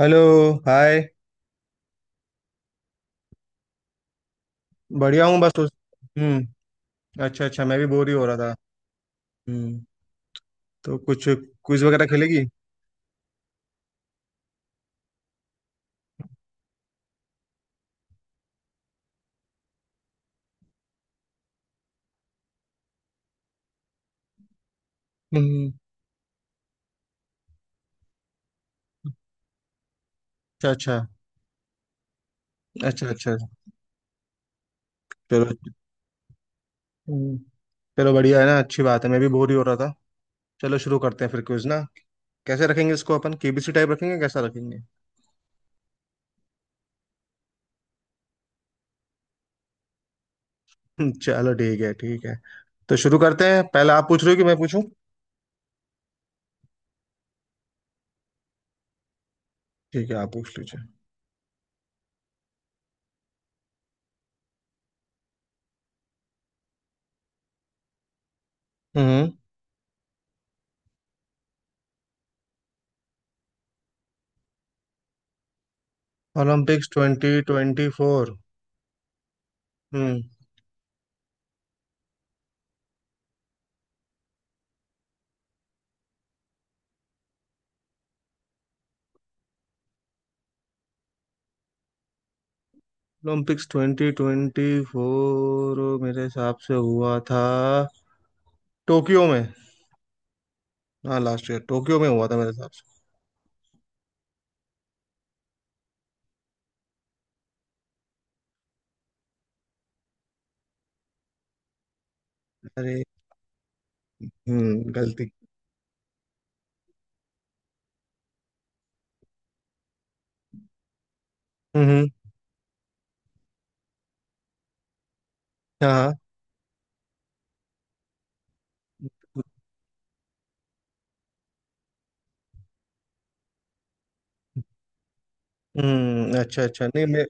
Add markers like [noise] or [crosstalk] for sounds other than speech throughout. Hello. Hi. बढ़िया हूँ बस उस। हम्म। अच्छा, अच्छा, मैं भी बोर ही हो रहा था। हम्म। तो कुछ क्विज वगैरह खेलेगी? हम्म। अच्छा, अच्छा, अच्छा, अच्छा। चलो। हम्म, चलो बढ़िया है ना, अच्छी बात है, मैं भी बोर ही हो रहा था। चलो, शुरू करते हैं फिर क्विज ना। कैसे रखेंगे इसको? अपन केबीसी टाइप रखेंगे? कैसा रखेंगे? चलो ठीक है, ठीक है। तो शुरू करते हैं, पहले आप पूछ रहे हो कि मैं पूछूं? ठीक है, आप पूछ लीजिए। हम्म। Olympics twenty twenty four. हम्म, ओलंपिक्स ट्वेंटी ट्वेंटी फोर मेरे हिसाब से हुआ था टोक्यो में। हाँ, लास्ट ईयर टोक्यो में हुआ था मेरे हिसाब से। अरे। हम्म, गलती। हम्म, हाँ, हाँ। हम्म, अच्छा, अच्छा। नहीं, मैं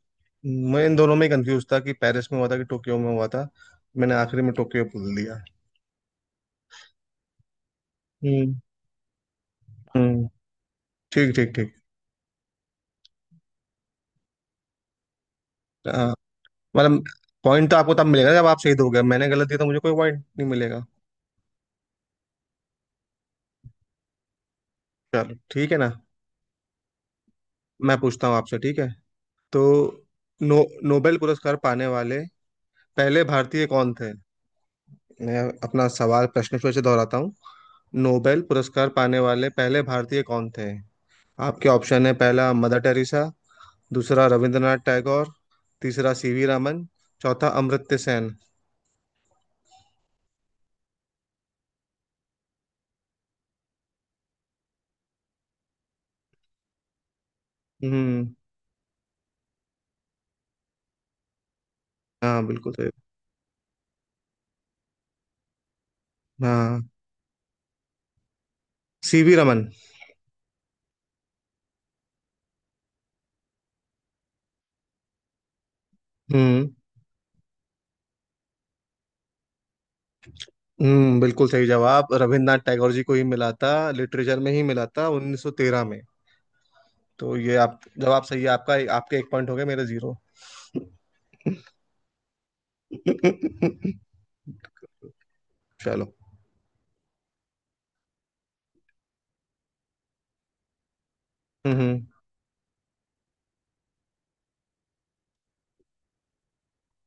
मैं इन दोनों में कंफ्यूज था कि पेरिस में हुआ था कि टोक्यो में हुआ था। मैंने आखिरी में टोक्यो बोल दिया। हम्म। हम्म। ठीक, ठीक, ठीक। हाँ, मतलब पॉइंट तो आपको तब मिलेगा जब आप सही दोगे। मैंने गलत दिया तो मुझे कोई पॉइंट नहीं मिलेगा। चलो, ठीक है ना। मैं पूछता हूँ आपसे, ठीक है। तो नो, नोबेल पुरस्कार पाने वाले पहले भारतीय कौन थे? मैं अपना सवाल, प्रश्न फिर से दोहराता हूँ। नोबेल पुरस्कार पाने वाले पहले भारतीय कौन थे? आपके ऑप्शन है: पहला मदर टेरेसा, दूसरा रविंद्रनाथ टैगोर, तीसरा सीवी रमन, चौथा अमर्त्य सेन। हम्म। हाँ, बिल्कुल सही। हाँ, सीवी रमन। हम्म। हम्म, बिल्कुल सही जवाब। रविंद्रनाथ टैगोर जी को ही मिला था, लिटरेचर में ही मिला था, 1913 में। तो ये आप, जवाब सही है आपका, आपके एक पॉइंट हो गए, मेरे जीरो। चलो। हम्म।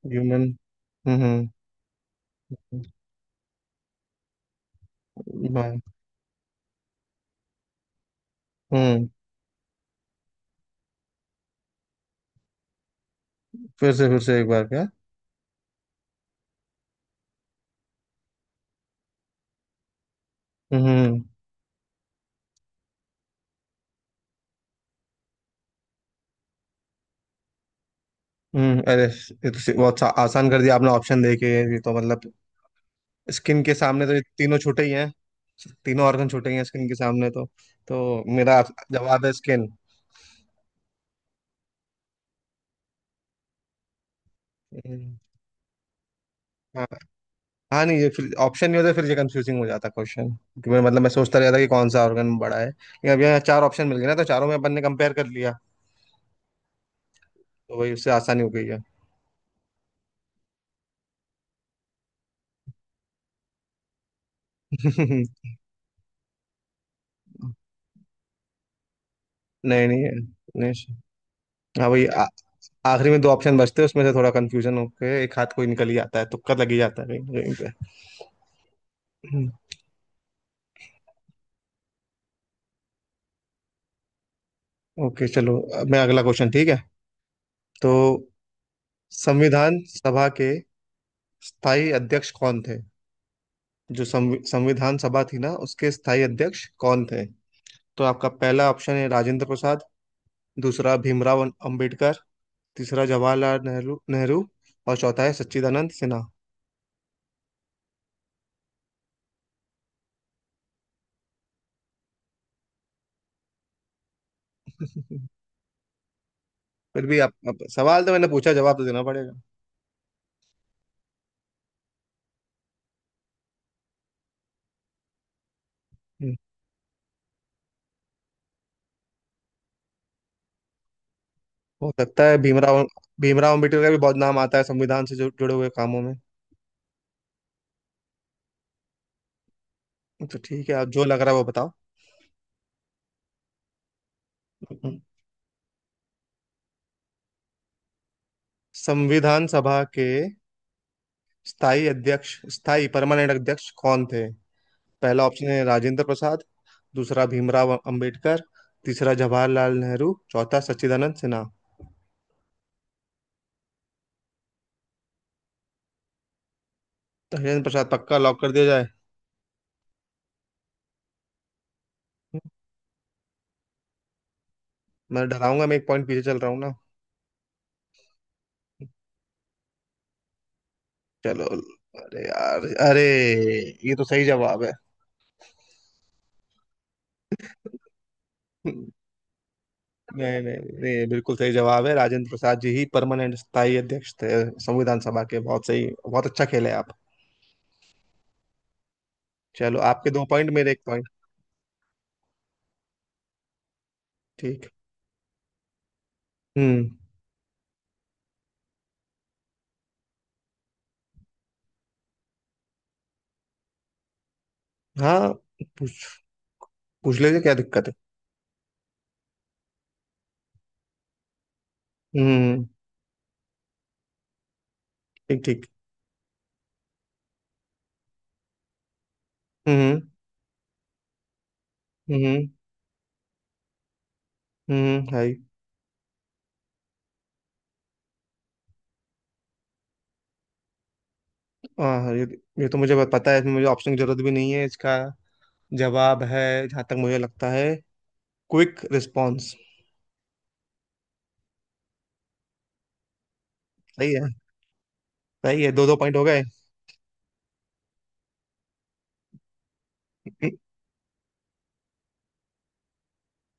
ह्यूमन। हम्म, हाँ, हम्म। फिर से एक बार, क्या? हम्म। हम्म। अरे, ये तो बहुत आसान कर दिया आपने ऑप्शन देके। ये तो मतलब स्किन के सामने तो ये तीनों छूटे ही हैं। तीनों ऑर्गन छूटे ही हैं स्किन के सामने तो। तो मेरा जवाब है स्किन। हाँ, हाँ, नहीं, ये फिर ऑप्शन नहीं होता, फिर ये कंफ्यूजिंग हो जाता क्वेश्चन, क्योंकि मैं मतलब मैं सोचता रहता कि कौन सा ऑर्गन बड़ा है, लेकिन अब यहाँ चार ऑप्शन मिल गए ना, तो चारों में अपन ने कंपेयर कर लिया। तो वही, उससे आसानी हो गई है। [laughs] नहीं, नहीं, नहीं। हाँ, वही, आखिरी में दो ऑप्शन बचते हैं, उसमें से थोड़ा कंफ्यूजन होके एक हाथ कोई निकल ही जाता है, तुक्का लग ही जाता है कहीं कहीं पे। [laughs] हम्म, ओके, चलो, अब मैं अगला क्वेश्चन, ठीक है। तो संविधान सभा के स्थायी अध्यक्ष कौन थे? जो संविधान सभा थी ना, उसके स्थायी अध्यक्ष कौन थे? तो आपका पहला ऑप्शन है राजेंद्र प्रसाद, दूसरा भीमराव अंबेडकर, तीसरा जवाहरलाल नेहरू नेहरू और चौथा है सच्चिदानंद सिन्हा। [laughs] फिर भी आप सवाल तो मैंने पूछा, जवाब तो देना पड़ेगा। हम्म, हो सकता है भीमराव। भीमराव अंबेडकर का भी बहुत नाम आता है संविधान से जो जुड़े हुए कामों में। तो ठीक है, आप जो लग रहा है वो बताओ। हम्म। संविधान सभा के स्थायी अध्यक्ष, स्थायी, परमानेंट अध्यक्ष कौन थे? पहला ऑप्शन है राजेंद्र प्रसाद, दूसरा भीमराव अंबेडकर, तीसरा जवाहरलाल नेहरू, चौथा सच्चिदानंद सिन्हा। धीरेन्द्र प्रसाद पक्का लॉक कर दिया जाए? मैं डराऊंगा, मैं एक पॉइंट पीछे चल रहा हूँ ना। चलो, अरे यार, अरे, ये तो सही जवाब है। [laughs] नहीं, नहीं, नहीं, बिल्कुल सही जवाब है, राजेंद्र प्रसाद जी ही परमानेंट स्थायी अध्यक्ष थे संविधान सभा के। बहुत सही, बहुत अच्छा खेले आप। चलो, आपके दो पॉइंट, मेरे एक पॉइंट। ठीक। हम्म, हाँ, पूछ पूछ लीजिए, क्या दिक्कत है? हम्म, ठीक, ठीक। हम्म। हम्म। हम्म। हाय। हाँ, हाँ, ये तो मुझे पता है, इसमें मुझे ऑप्शन की जरूरत भी नहीं है। इसका जवाब है, जहाँ तक मुझे लगता है, क्विक रिस्पॉन्स। सही है, सही है, दो दो पॉइंट हो गए।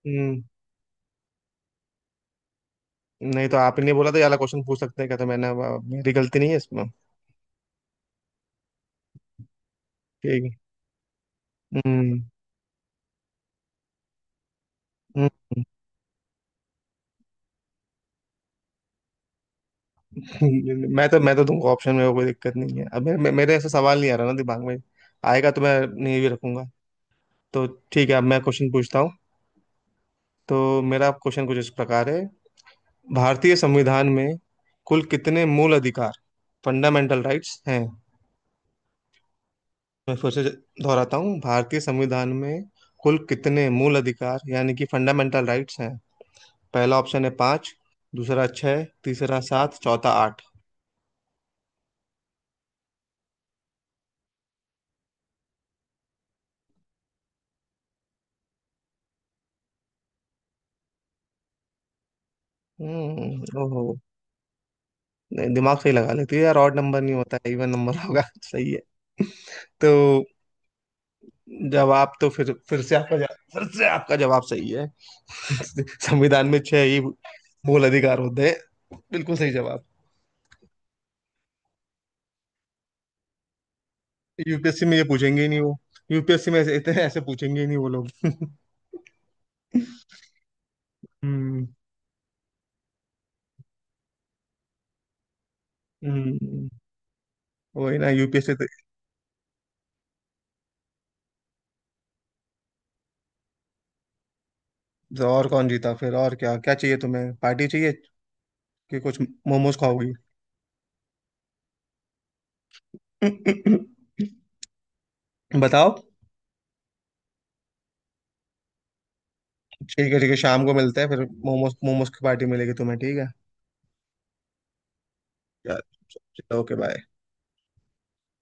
हम्म, नहीं तो आपने नहीं बोला तो ये वाला क्वेश्चन पूछ सकते हैं क्या, तो मैंने मेरी गलती नहीं है इसमें। ठीक है। हम्म। हम्म। मैं तो दूंगा ऑप्शन में, वो कोई दिक्कत नहीं है। अब मेरे ऐसा सवाल नहीं आ रहा ना दिमाग में। आएगा तो मैं नहीं भी रखूंगा। तो ठीक है, अब मैं क्वेश्चन पूछता हूँ। तो मेरा क्वेश्चन कुछ इस प्रकार है। भारतीय संविधान में कुल कितने मूल अधिकार, फंडामेंटल राइट्स हैं? मैं फिर से दोहराता हूँ, भारतीय संविधान में कुल कितने मूल अधिकार यानी कि फंडामेंटल राइट्स हैं? पहला ऑप्शन है पाँच, दूसरा छः, तीसरा सात, चौथा आठ। हम्म, ओहो। नहीं, दिमाग सही लगा लेती है यार, ऑड नंबर नहीं होता है, इवन नंबर होगा। [laughs] सही है। तो जवाब तो फिर से आपका जवाब, फिर से आपका जवाब सही है। [laughs] संविधान में छह ही मूल अधिकार होते हैं, बिल्कुल सही जवाब। यूपीएससी में ये पूछेंगे ही नहीं वो। यूपीएससी में ऐसे इतने ऐसे पूछेंगे ही नहीं वो लोग। [laughs] हम्म। हम्म, वही ना, यूपीएससी तो। तो और कौन जीता फिर? और क्या क्या चाहिए तुम्हें? पार्टी चाहिए कि कुछ? मोमोज खाओगी? [coughs] [laughs] बताओ। ठीक है, ठीक है, शाम को मिलते हैं फिर, मोमोज मोमोज की पार्टी मिलेगी तुम्हें, ठीक है। चलो, ओके, बाय।